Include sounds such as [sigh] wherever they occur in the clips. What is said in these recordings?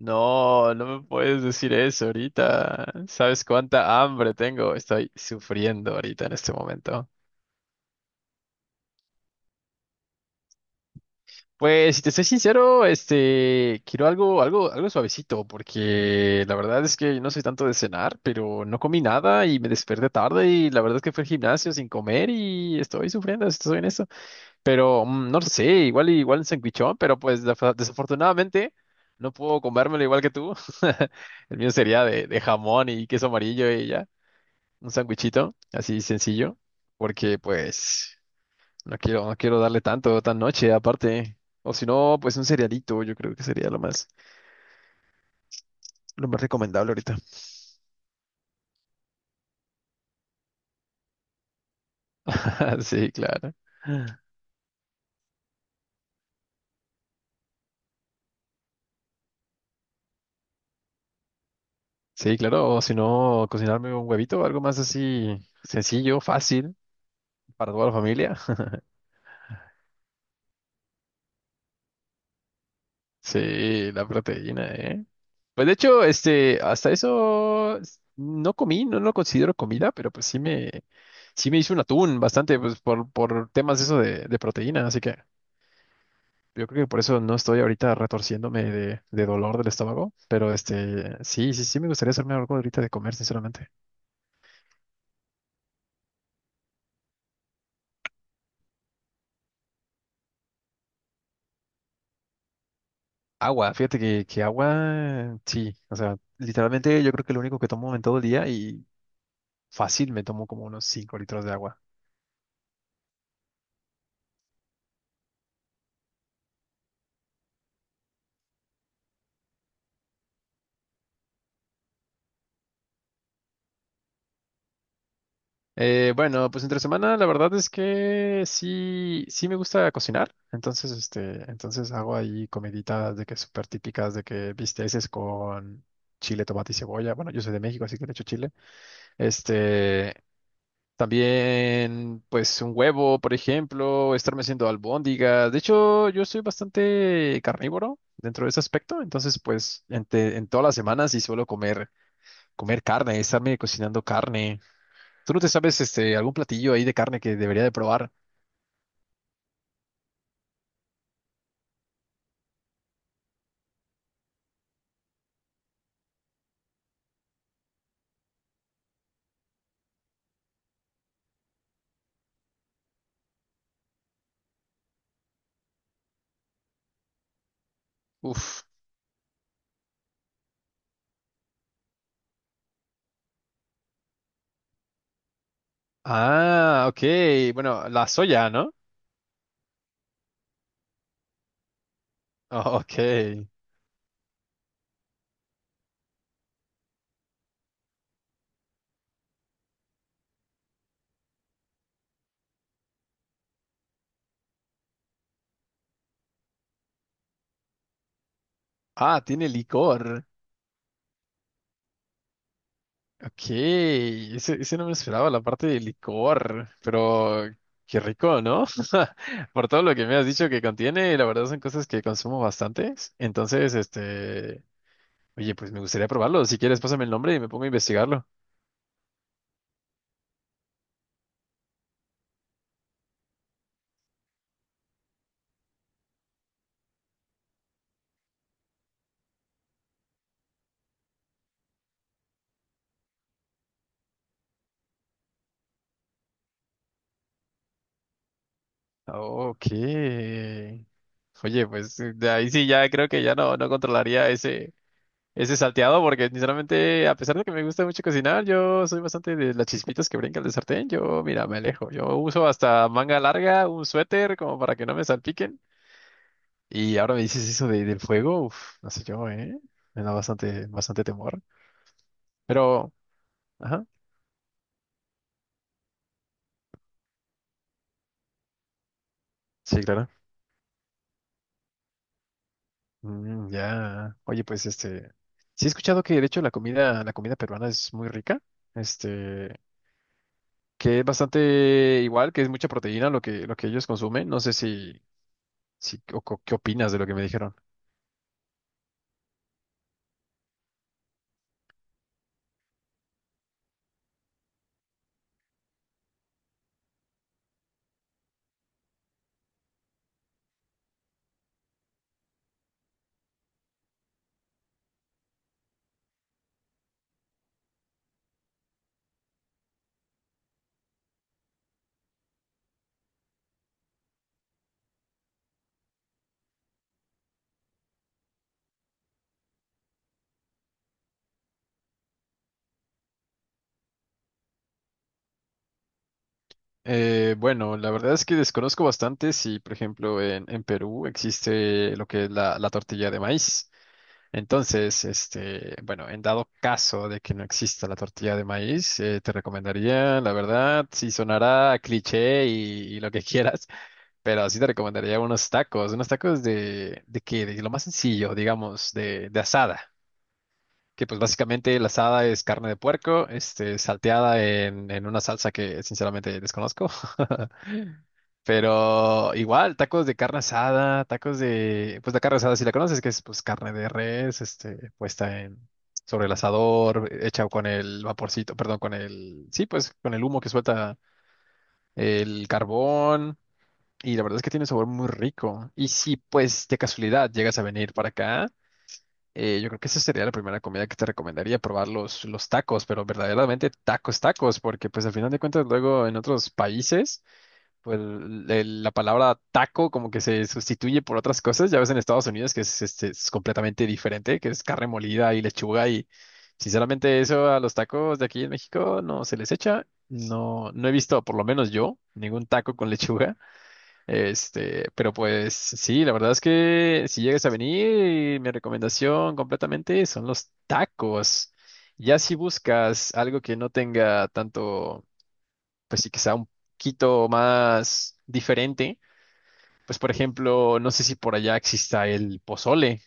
No, no me puedes decir eso ahorita. ¿Sabes cuánta hambre tengo? Estoy sufriendo ahorita en este momento. Pues, si te soy sincero, quiero algo, algo, algo suavecito, porque la verdad es que no soy tanto de cenar, pero no comí nada y me desperté tarde y la verdad es que fui al gimnasio sin comer y estoy sufriendo, estoy en eso. Pero no lo sé, igual un sandwichón, pero pues desafortunadamente no puedo comérmelo igual que tú. [laughs] El mío sería de jamón y queso amarillo y ya. Un sandwichito, así sencillo, porque pues no quiero darle tanto, tan noche aparte. O si no, pues un cerealito, yo creo que sería lo más recomendable ahorita. [laughs] Sí, claro. Sí, claro, o si no, cocinarme un huevito, algo más así sencillo, fácil para toda la familia. Sí, la proteína, ¿eh? Pues de hecho, hasta eso no comí, no lo considero comida, pero sí me hice un atún bastante, pues por temas eso de proteína, así que yo creo que por eso no estoy ahorita retorciéndome de dolor del estómago, pero sí me gustaría hacerme algo ahorita de comer, sinceramente. Agua, fíjate que agua, sí, o sea, literalmente yo creo que lo único que tomo en todo el día y fácil me tomo como unos 5 litros de agua. Bueno, pues entre semana la verdad es que sí me gusta cocinar, entonces hago ahí comiditas de que súper típicas, de que bisteces con chile, tomate y cebolla. Bueno, yo soy de México, así que le echo chile. Este, también pues un huevo, por ejemplo, estarme haciendo albóndigas. De hecho, yo soy bastante carnívoro dentro de ese aspecto, entonces pues en todas las semanas sí suelo comer carne, estarme cocinando carne. ¿Tú no te sabes algún platillo ahí de carne que debería de probar? Uf. Ah, ok. Bueno, la soya, ¿no? [laughs] Oh, ok. Ah, tiene licor. Ok. Ese no me esperaba, la parte de licor. Pero qué rico, ¿no? [laughs] Por todo lo que me has dicho que contiene, la verdad son cosas que consumo bastantes. Entonces, oye, pues me gustaría probarlo. Si quieres, pásame el nombre y me pongo a investigarlo. Ok. Oye, pues de ahí sí ya creo que ya no controlaría ese salteado, porque sinceramente, a pesar de que me gusta mucho cocinar, yo soy bastante de las chispitas que brincan del sartén. Yo, mira, me alejo. Yo uso hasta manga larga, un suéter, como para que no me salpiquen. Y ahora me dices eso de, del fuego, uf, no sé yo, ¿eh? Me da bastante temor. Pero, ajá, sí, claro. Ya. Oye, pues este. Sí he escuchado que de hecho la comida peruana es muy rica. Este, que es bastante igual, que es mucha proteína lo que ellos consumen. No sé si o qué opinas de lo que me dijeron. Bueno, la verdad es que desconozco bastante si, por ejemplo, en Perú existe lo que es la tortilla de maíz. Entonces, bueno, en dado caso de que no exista la tortilla de maíz, te recomendaría, la verdad, si sonará a cliché y lo que [laughs] quieras. Pero sí te recomendaría unos tacos de qué, de lo más sencillo, digamos, de asada, que pues básicamente la asada es carne de puerco, salteada en una salsa que sinceramente desconozco, [laughs] pero igual, tacos de carne asada, tacos de, pues la carne asada si la conoces, que es pues carne de res, puesta en, sobre el asador, hecha con el vaporcito, perdón, sí, pues con el humo que suelta el carbón y la verdad es que tiene un sabor muy rico. Y si pues de casualidad llegas a venir para acá, yo creo que esa sería la primera comida que te recomendaría, probar los tacos, pero verdaderamente tacos, tacos, porque pues al final de cuentas luego en otros países, pues la palabra taco como que se sustituye por otras cosas. Ya ves en Estados Unidos que es, es completamente diferente, que es carne molida y lechuga y sinceramente eso a los tacos de aquí en México no se les echa. No, no he visto, por lo menos yo, ningún taco con lechuga. Pero pues sí, la verdad es que si llegas a venir, mi recomendación completamente son los tacos. Ya si buscas algo que no tenga tanto, pues sí que sea un poquito más diferente, pues por ejemplo, no sé si por allá exista el pozole.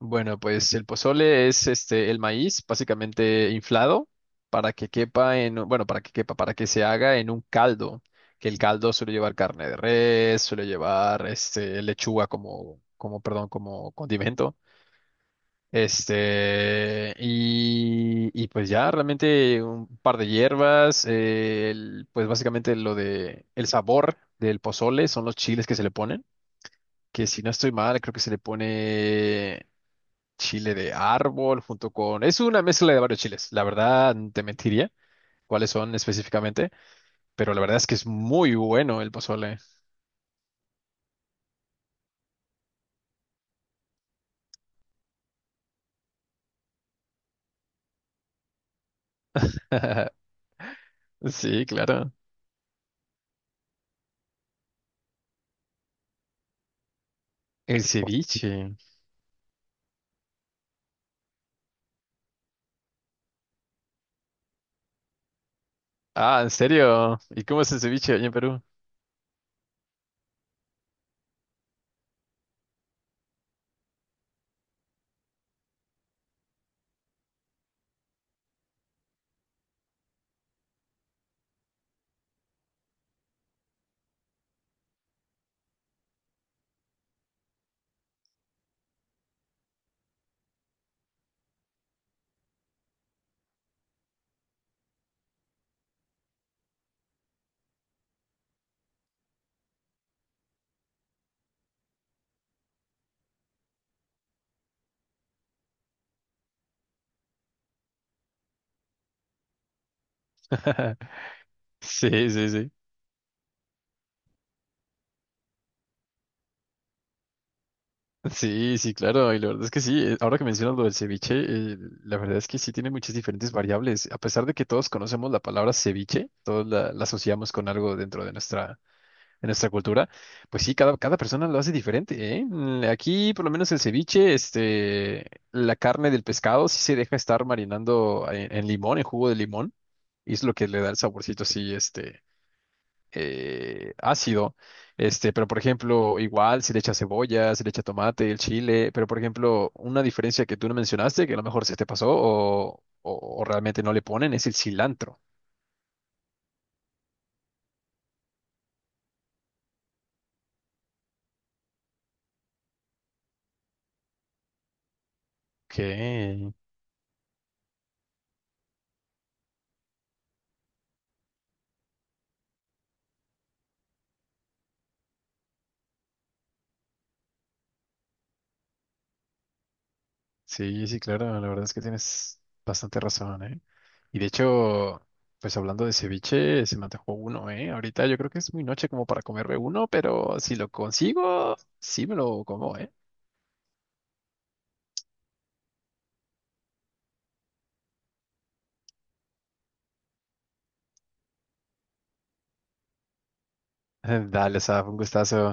Bueno, pues el pozole es el maíz básicamente inflado para que quepa en, bueno, para que quepa, para que se haga en un caldo, que el caldo suele llevar carne de res, suele llevar lechuga como perdón, como condimento. Y pues ya realmente un par de hierbas, pues básicamente lo de el sabor del pozole son los chiles que se le ponen, que si no estoy mal, creo que se le pone chile de árbol junto con... Es una mezcla de varios chiles. La verdad, te mentiría cuáles son específicamente, pero la verdad es que es muy bueno el pozole. [laughs] Sí, claro. El ceviche. Ah, ¿en serio? ¿Y cómo es el ceviche allá en Perú? [laughs] Sí, sí, sí. Sí, sí, claro. Y la verdad es que sí. Ahora que mencionas lo del ceviche, la verdad es que sí tiene muchas diferentes variables. A pesar de que todos conocemos la palabra ceviche, todos la asociamos con algo dentro de nuestra en nuestra cultura, pues sí, cada persona lo hace diferente, ¿eh? Aquí, por lo menos el ceviche, la carne del pescado sí se deja estar marinando en limón, en jugo de limón, y es lo que le da el saborcito así, ácido, pero por ejemplo, igual se le echa cebolla, se le echa tomate, el chile, pero por ejemplo, una diferencia que tú no mencionaste, que a lo mejor se te pasó o realmente no le ponen, es el cilantro. Ok. Sí, sí, claro, la verdad es que tienes bastante razón, ¿eh? Y de hecho, pues hablando de ceviche, se me antojó uno, ¿eh? Ahorita yo creo que es muy noche como para comerme uno, pero si lo consigo, sí me lo como, ¿eh? [laughs] Dale, Saf, un gustazo.